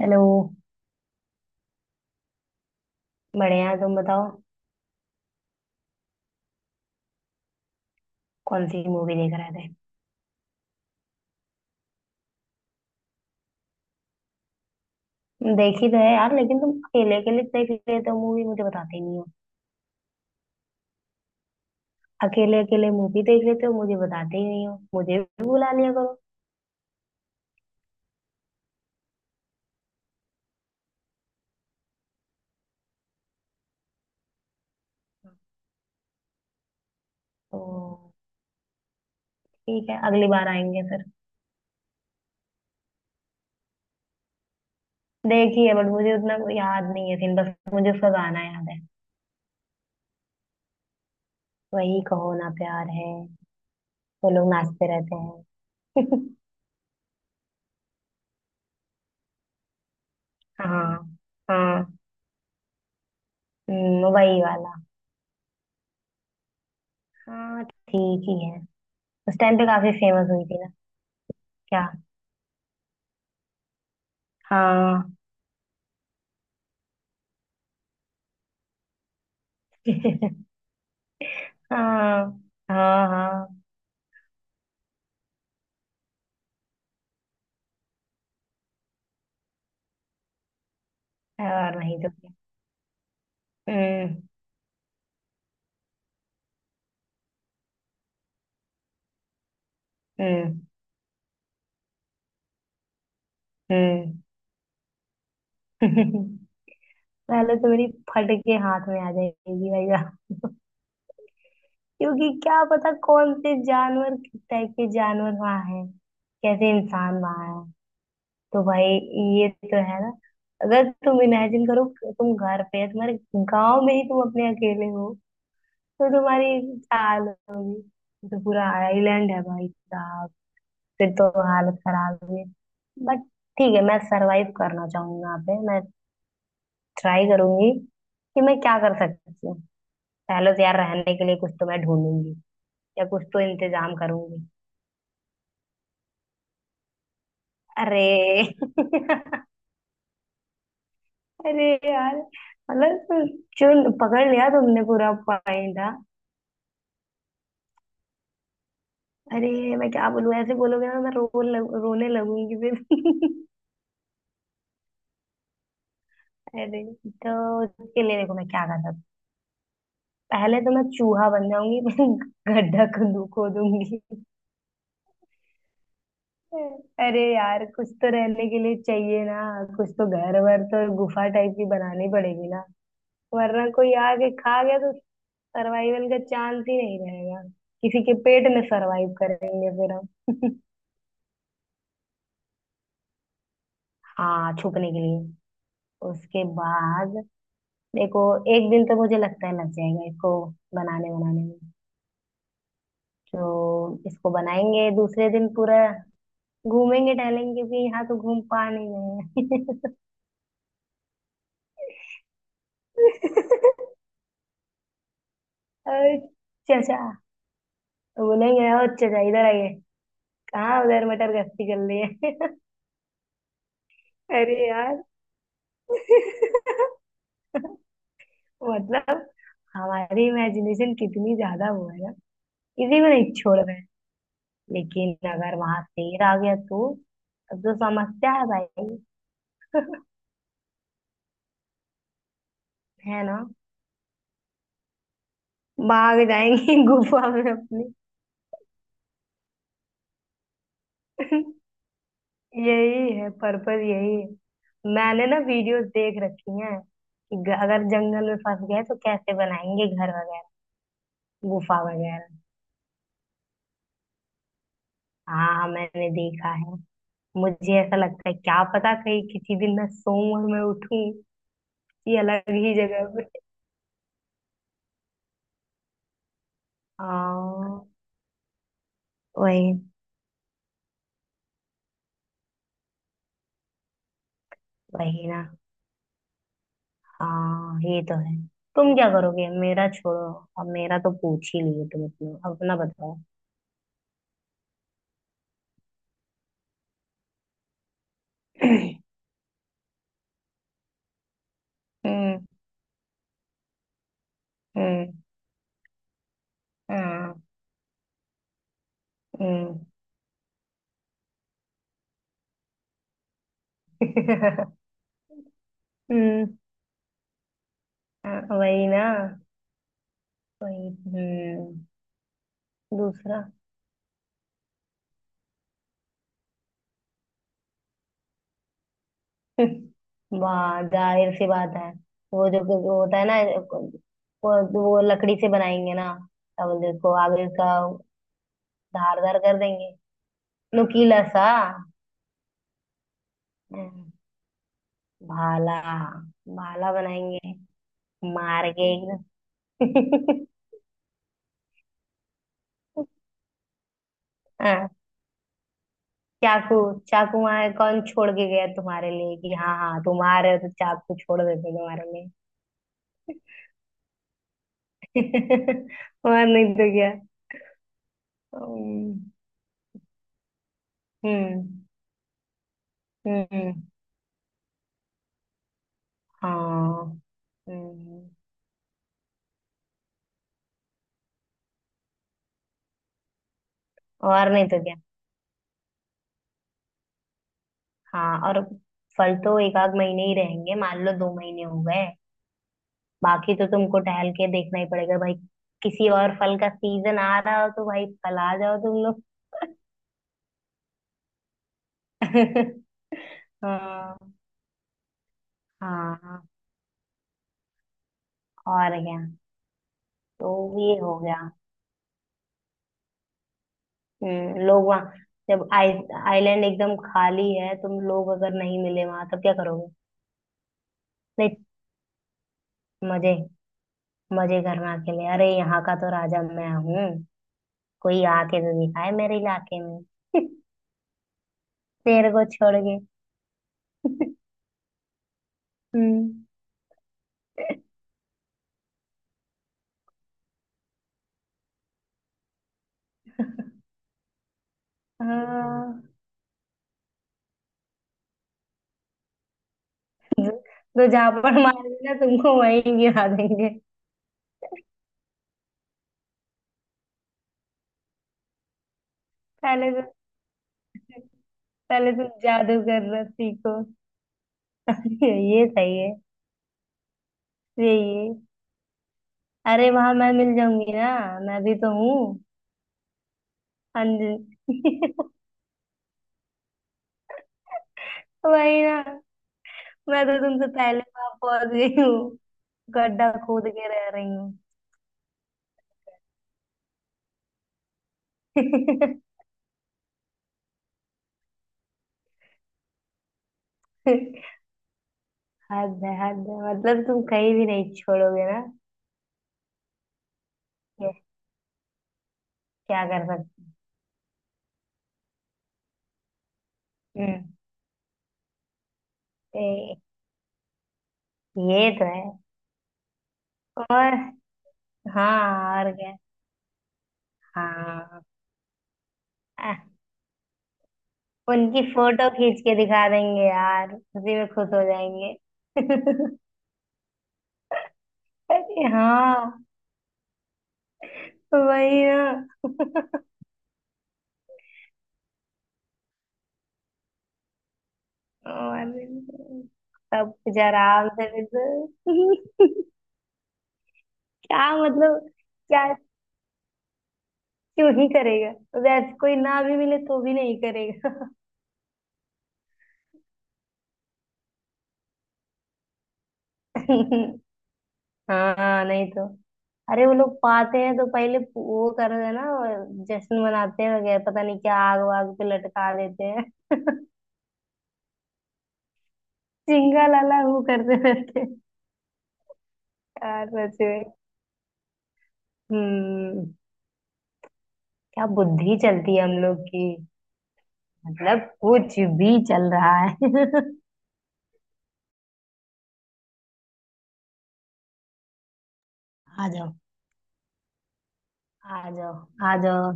Hello. बढ़िया, तुम बताओ। कौन सी मूवी देख रहे थे? देखी तो है यार, लेकिन तुम अकेले अकेले देख लेते हो मूवी, मुझे बताते ही नहीं हो। अकेले अकेले मूवी देख लेते हो, मुझे बताते ही नहीं हो, मुझे भी बुला लिया करो। तो ठीक है, अगली बार आएंगे फिर। देखी है, बट मुझे उतना कोई याद नहीं है सीन, बस मुझे उसका गाना याद है। वही, कहो ना प्यार है। वो लोग नाचते रहते हैं। हाँ। हाँ। वही वाला। हाँ, ठीक ही है। उस टाइम पे काफी फेमस हुई थी ना। क्या? हाँ। हाँ। हाँ। हाँ। और नहीं तो क्या। हम्म। हम्म। हम्म। पहले तो मेरी फट के हाथ में आ जाएगी भाई साहब। क्योंकि क्या पता कौन से जानवर, किस टाइप के जानवर वहां है, कैसे इंसान वहां है। तो भाई, ये तो है ना। अगर तुम इमेजिन करो कि तुम घर पे है तुम्हारे, गांव में ही तुम अपने अकेले हो, तो तुम्हारी चाल होगी। ये तो पूरा आइलैंड है भाई साहब। फिर तो हालत खराब हुई। बट ठीक है, मैं सरवाइव करना चाहूंगा। यहाँ पे मैं ट्राई करूंगी कि मैं क्या कर सकती हूँ। पहले तो यार रहने के लिए कुछ तो मैं ढूंढूंगी, या कुछ तो इंतजाम करूंगी। अरे। अरे यार। मतलब चुन पकड़ लिया तुमने पूरा पॉइंट, हाँ। अरे मैं क्या बोलूँ, ऐसे बोलोगे ना मैं रोने लगूंगी फिर। अरे। तो उसके लिए देखो मैं क्या कर सकती हूँ। पहले तो मैं चूहा बन जाऊंगी। फिर गड्ढा खोदूंगी। अरे यार कुछ तो रहने के लिए चाहिए ना। कुछ तो घर वर, तो गुफा टाइप की बनानी पड़ेगी ना। वरना कोई आके खा गया तो सर्वाइवल का चांस ही नहीं रहेगा। किसी के पेट में सर्वाइव करेंगे फिर हम। हाँ, छुपने के लिए। उसके बाद देखो, एक दिन तो मुझे लगता है लग जाएगा इसको बनाने बनाने में। तो इसको बनाएंगे, दूसरे दिन पूरा घूमेंगे, टहलेंगे भी। यहाँ तो घूम पा नहीं रहे हैं। और चचा भूलेंगे, और चचा इधर आइए, कहाँ उधर मटर गश्ती कर लिए। अरे यार। मतलब हमारी इमेजिनेशन कितनी ज्यादा वो है ना, किसी को नहीं छोड़ रहे। लेकिन अगर वहां शेर आ गया तो? अब तो समस्या है भाई। है ना। भाग जाएंगे गुफा में अपनी। यही है पर्पस, यही है। मैंने ना वीडियोस देख रखी हैं कि अगर जंगल में फंस गए तो कैसे बनाएंगे घर वगैरह, गुफा वगैरह। हाँ, मैंने देखा है। मुझे ऐसा लगता है, क्या पता कहीं किसी दिन मैं सोऊं और मैं उठूं ये अलग ही जगह पे। हाँ। वही। वही ना। हाँ, ये तो है। तुम क्या करोगे, मेरा छोड़ो। अब मेरा तो पूछ ही लिए, तुम अपना अपना बताओ। हम्म। हम्म। हाँ, हम्म। हम्म, हाँ, वही ना। वही, हम्म। दूसरा? वाह, जाहिर सी बात है। वो जो जो होता है ना, वो लकड़ी से बनाएंगे ना, क्या बोलते हैं उसको, आगे उसका धारदार कर देंगे, नुकीला सा। हम्म, भाला। भाला बनाएंगे। मार के एकदम। हाँ, चाकू। चाकू वहां कौन छोड़ के गया तुम्हारे लिए कि हाँ हाँ तुम आ रहे हो तो चाकू छोड़ देते तुम्हारे लिए। और नहीं तो क्या। हम्म। हम्म। हम्म, हाँ। हम्म। और नहीं तो क्या। हाँ और, फल तो एक आध महीने ही रहेंगे, मान लो दो महीने हो गए। बाकी तो तुमको टहल के देखना ही पड़ेगा भाई। किसी और फल का सीजन आ रहा हो तो भाई, फल आ जाओ तुम लोग। हाँ। हाँ और क्या। तो ये हो गया। हम्म, लोग वहाँ। जब आई, आइलैंड एकदम खाली है, तुम लोग अगर नहीं मिले वहां तब क्या करोगे? नहीं। मजे, मजे करना के लिए। अरे यहाँ का तो राजा मैं हूँ, कोई आके तो दिखाए मेरे इलाके में। तेरे को छोड़ के। हम्म। हाँ। तो जहां पर मार देना, तुमको वहीं गिरा देंगे। पहले तो, पहले तुम जादू करना सीखो। ये सही है। यही है। अरे वहां मैं मिल जाऊंगी ना, मैं भी तो हूँ। अंजलि। वही ना। मैं तो तुमसे पहले वहां पहुंच गई हूँ, गड्ढा खोद के रह रही हूँ। हद है, हद है। मतलब तुम कहीं भी नहीं छोड़ोगे ना। क्या कर सकते। हम्म। ए- ये तो है। और हाँ, और क्या। हाँ। आह, उनकी फोटो खींच के दिखा देंगे यार, उसी में खुश हो जाएंगे। अरे हाँ, वही ना। और सब कुछ आराम से, बिल्कुल। क्या मतलब। क्या, क्यों ही करेगा। अगर कोई ना भी मिले तो भी नहीं करेगा। हाँ नहीं तो। अरे वो लोग पाते हैं तो पहले वो कर देना, जश्न मनाते हैं वगैरह, पता नहीं क्या आग वाग पे लटका देते हैं। चिंगा लाला वो करते रहते हैं। यार सच में। हम्म। क्या बुद्धि चलती है हम लोग की, मतलब कुछ भी चल रहा है। आ जाओ। आ जाओ। आ जाओ।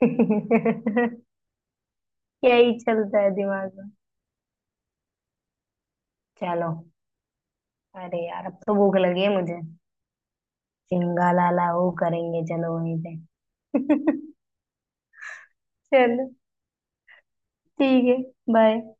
क्या ही चलता है दिमाग में। चलो। अरे यार अब तो भूख लगी है मुझे। चिंगा लाला वो करेंगे, चलो वहीं पे। चलो, ठीक है। बाय।